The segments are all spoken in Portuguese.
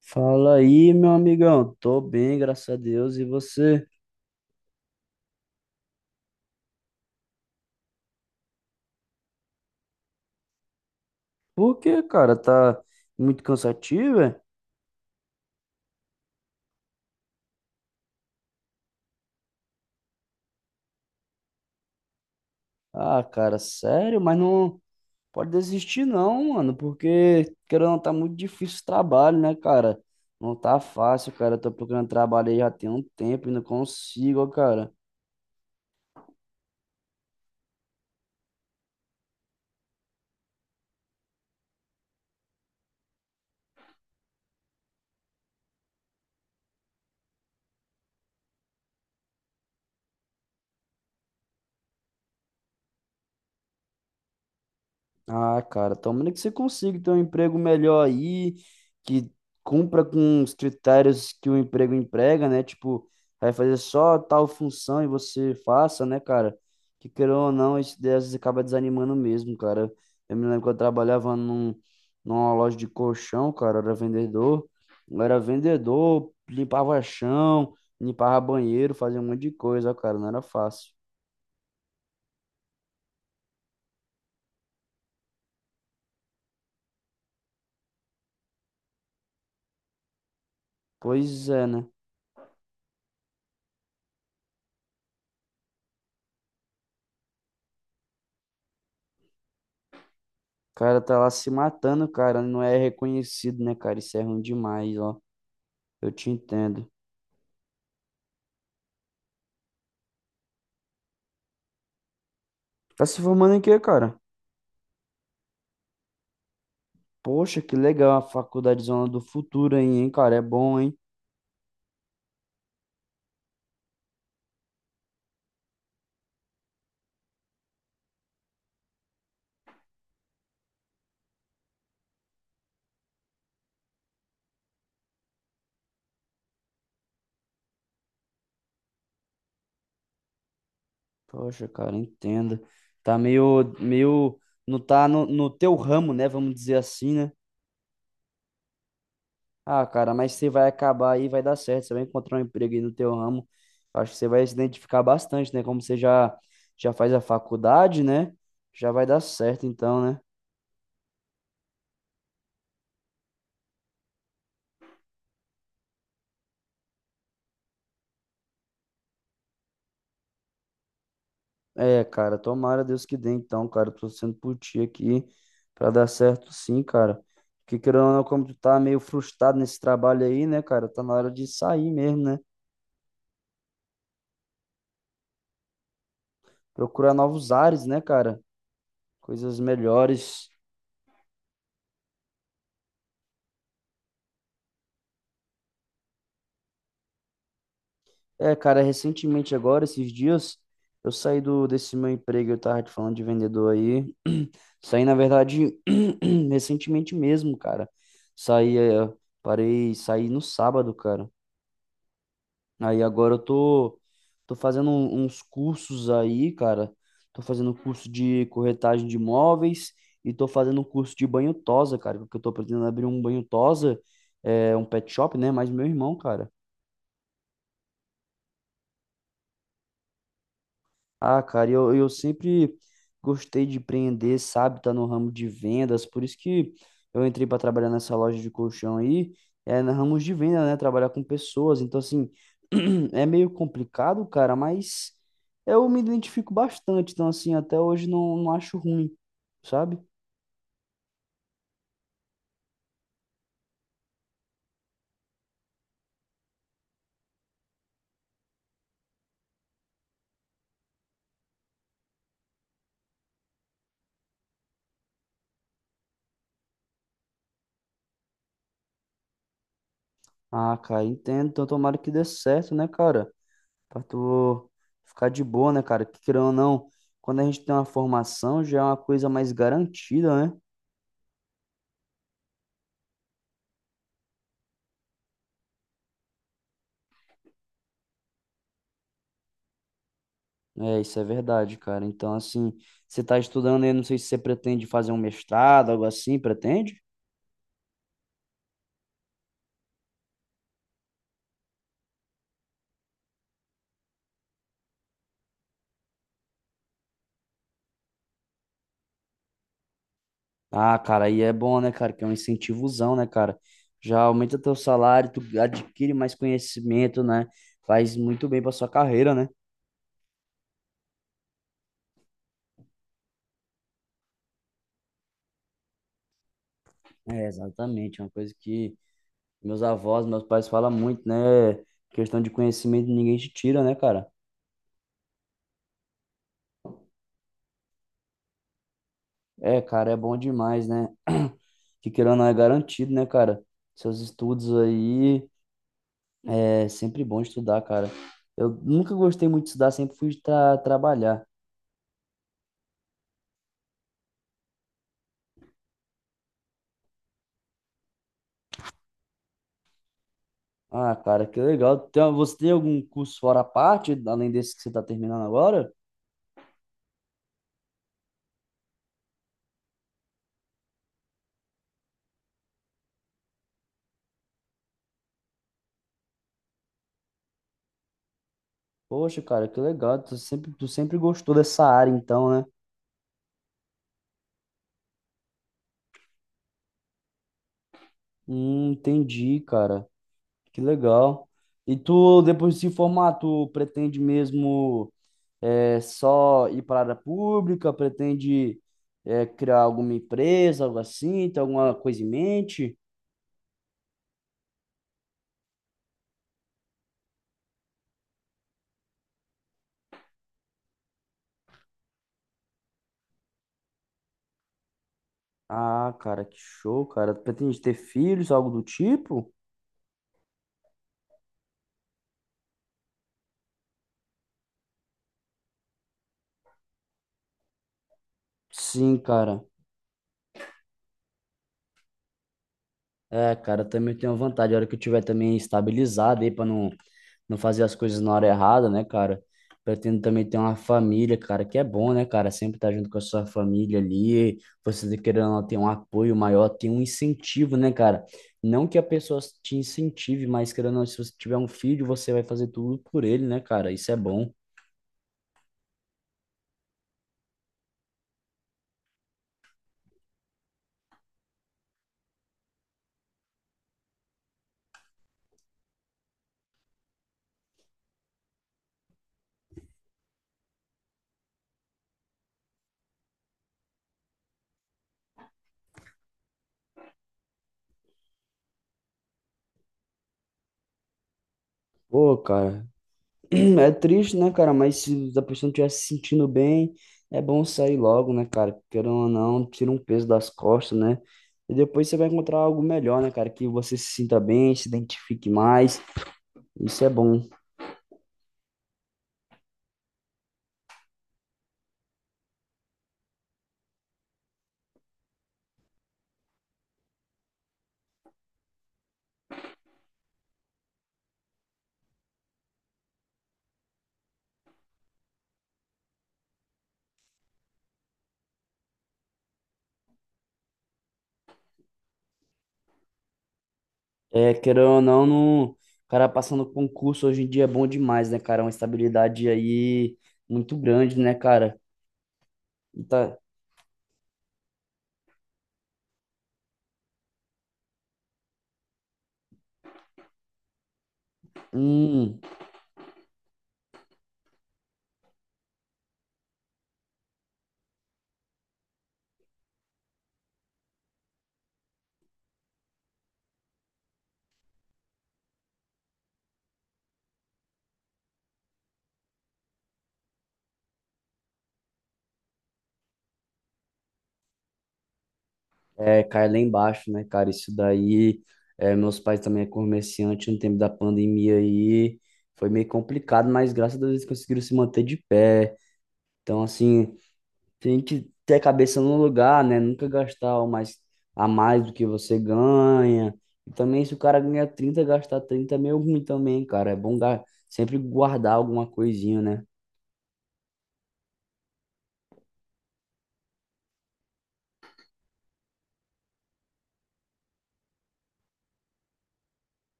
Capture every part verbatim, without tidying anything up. Fala aí, meu amigão. Tô bem, graças a Deus. E você? Por quê, cara? Tá muito cansativo, é? Ah, cara, sério? Mas não pode desistir não, mano, porque querendo ou não, tá muito difícil o trabalho, né, cara? Não tá fácil, cara. Eu tô procurando trabalho aí já tem um tempo e não consigo, ó, cara. Ah, cara, tomara que você consiga ter um emprego melhor aí, que cumpra com os critérios que o emprego emprega, né? Tipo, vai fazer só tal função e você faça, né, cara? Que querendo ou não, isso daí às vezes acaba desanimando mesmo, cara. Eu me lembro que eu trabalhava num, numa loja de colchão, cara, eu era vendedor. Eu era vendedor, limpava chão, limpava banheiro, fazia um monte de coisa, cara, não era fácil. Pois é, né? O cara tá lá se matando, cara, não é reconhecido, né, cara? Isso é ruim demais, ó. Eu te entendo. Tá se formando em quê, cara? Poxa, que legal a faculdade Zona do Futuro aí, hein, cara? É bom, hein? Poxa, cara, entendo. Tá meio, meio, não tá no, no teu ramo, né? Vamos dizer assim, né? Ah, cara, mas você vai acabar aí, vai dar certo. Você vai encontrar um emprego aí no teu ramo. Acho que você vai se identificar bastante, né? Como você já, já faz a faculdade, né? Já vai dar certo, então, né? É, cara, tomara Deus que dê então, cara. Eu tô sendo por ti aqui pra dar certo sim, cara. Porque querendo ou não, como tu tá meio frustrado nesse trabalho aí, né, cara? Tá na hora de sair mesmo, né? Procurar novos ares, né, cara? Coisas melhores. É, cara, recentemente agora, esses dias, eu saí do, desse meu emprego, eu tava te falando de vendedor aí. Saí, na verdade, recentemente mesmo, cara. Saí, é, parei, saí no sábado, cara. Aí agora eu tô, tô fazendo um- uns cursos aí, cara. Tô fazendo curso de corretagem de imóveis e tô fazendo um curso de banho tosa, cara, porque eu tô pretendendo abrir um banho tosa, é, um pet shop, né? Mas meu irmão, cara. Ah, cara, eu, eu sempre gostei de empreender, sabe? Tá no ramo de vendas, por isso que eu entrei para trabalhar nessa loja de colchão aí, é no ramo de venda, né? Trabalhar com pessoas, então assim, é meio complicado, cara, mas eu me identifico bastante, então assim, até hoje não, não acho ruim, sabe? Ah, cara, entendo, então tomara que dê certo, né, cara? Pra tu ficar de boa, né, cara? Que querendo ou não, quando a gente tem uma formação, já é uma coisa mais garantida, né? É, isso é verdade, cara. Então, assim, você está estudando aí, não sei se você pretende fazer um mestrado, algo assim, pretende? Ah, cara, aí é bom, né, cara? Que é um incentivozão, né, cara? Já aumenta teu salário, tu adquire mais conhecimento, né? Faz muito bem pra sua carreira, né? É, exatamente, é uma coisa que meus avós, meus pais falam muito, né? Questão de conhecimento ninguém te tira, né, cara? É, cara, é bom demais, né? Que querendo ou não é garantido, né, cara? Seus estudos aí. É sempre bom estudar, cara. Eu nunca gostei muito de estudar, sempre fui tra trabalhar. Ah, cara, que legal. Tem, você tem algum curso fora a parte, além desse que você tá terminando agora? Poxa, cara, que legal. Tu sempre, tu sempre gostou dessa área, então, né? Hum, entendi, cara. Que legal. E tu, depois de se formar, tu pretende mesmo é, só ir para a área pública? Pretende é, criar alguma empresa, algo assim? Tem alguma coisa em mente? Ah, cara, que show, cara. Pretende ter filhos, algo do tipo? Sim, cara. É, cara, eu também tenho vontade. A hora que eu tiver também estabilizado aí, pra não, não fazer as coisas na hora errada, né, cara? Pretendo também ter uma família, cara, que é bom, né, cara? Sempre estar junto com a sua família ali. Você tá querendo ou não, ter um apoio maior, ter um incentivo, né, cara? Não que a pessoa te incentive, mas querendo ou não, se você tiver um filho, você vai fazer tudo por ele, né, cara? Isso é bom. Pô, cara, é triste, né, cara? Mas se a pessoa não estiver se sentindo bem, é bom sair logo, né, cara? Querendo ou não, tira um peso das costas, né? E depois você vai encontrar algo melhor, né, cara? Que você se sinta bem, se identifique mais. Isso é bom. É, querendo ou não, no... cara passando concurso hoje em dia é bom demais, né, cara? É uma estabilidade aí muito grande, né, cara? E tá... Hum. É, cai lá embaixo, né, cara? Isso daí, é, meus pais também é comerciante no tempo da pandemia aí, foi meio complicado, mas graças a Deus eles conseguiram se manter de pé. Então, assim, tem que ter a cabeça no lugar, né? Nunca gastar o mais, a mais do que você ganha. E também, se o cara ganha trinta, gastar trinta é meio ruim também, cara. É bom ga- sempre guardar alguma coisinha, né?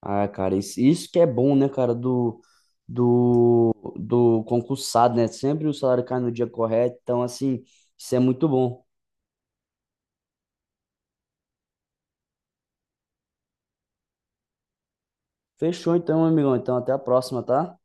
Ah, cara, isso, isso que é bom, né, cara, Do do, do concursado, né? Sempre o salário cai no dia correto. Então, assim, isso é muito bom. Fechou então, meu amigão. Então, até a próxima, tá?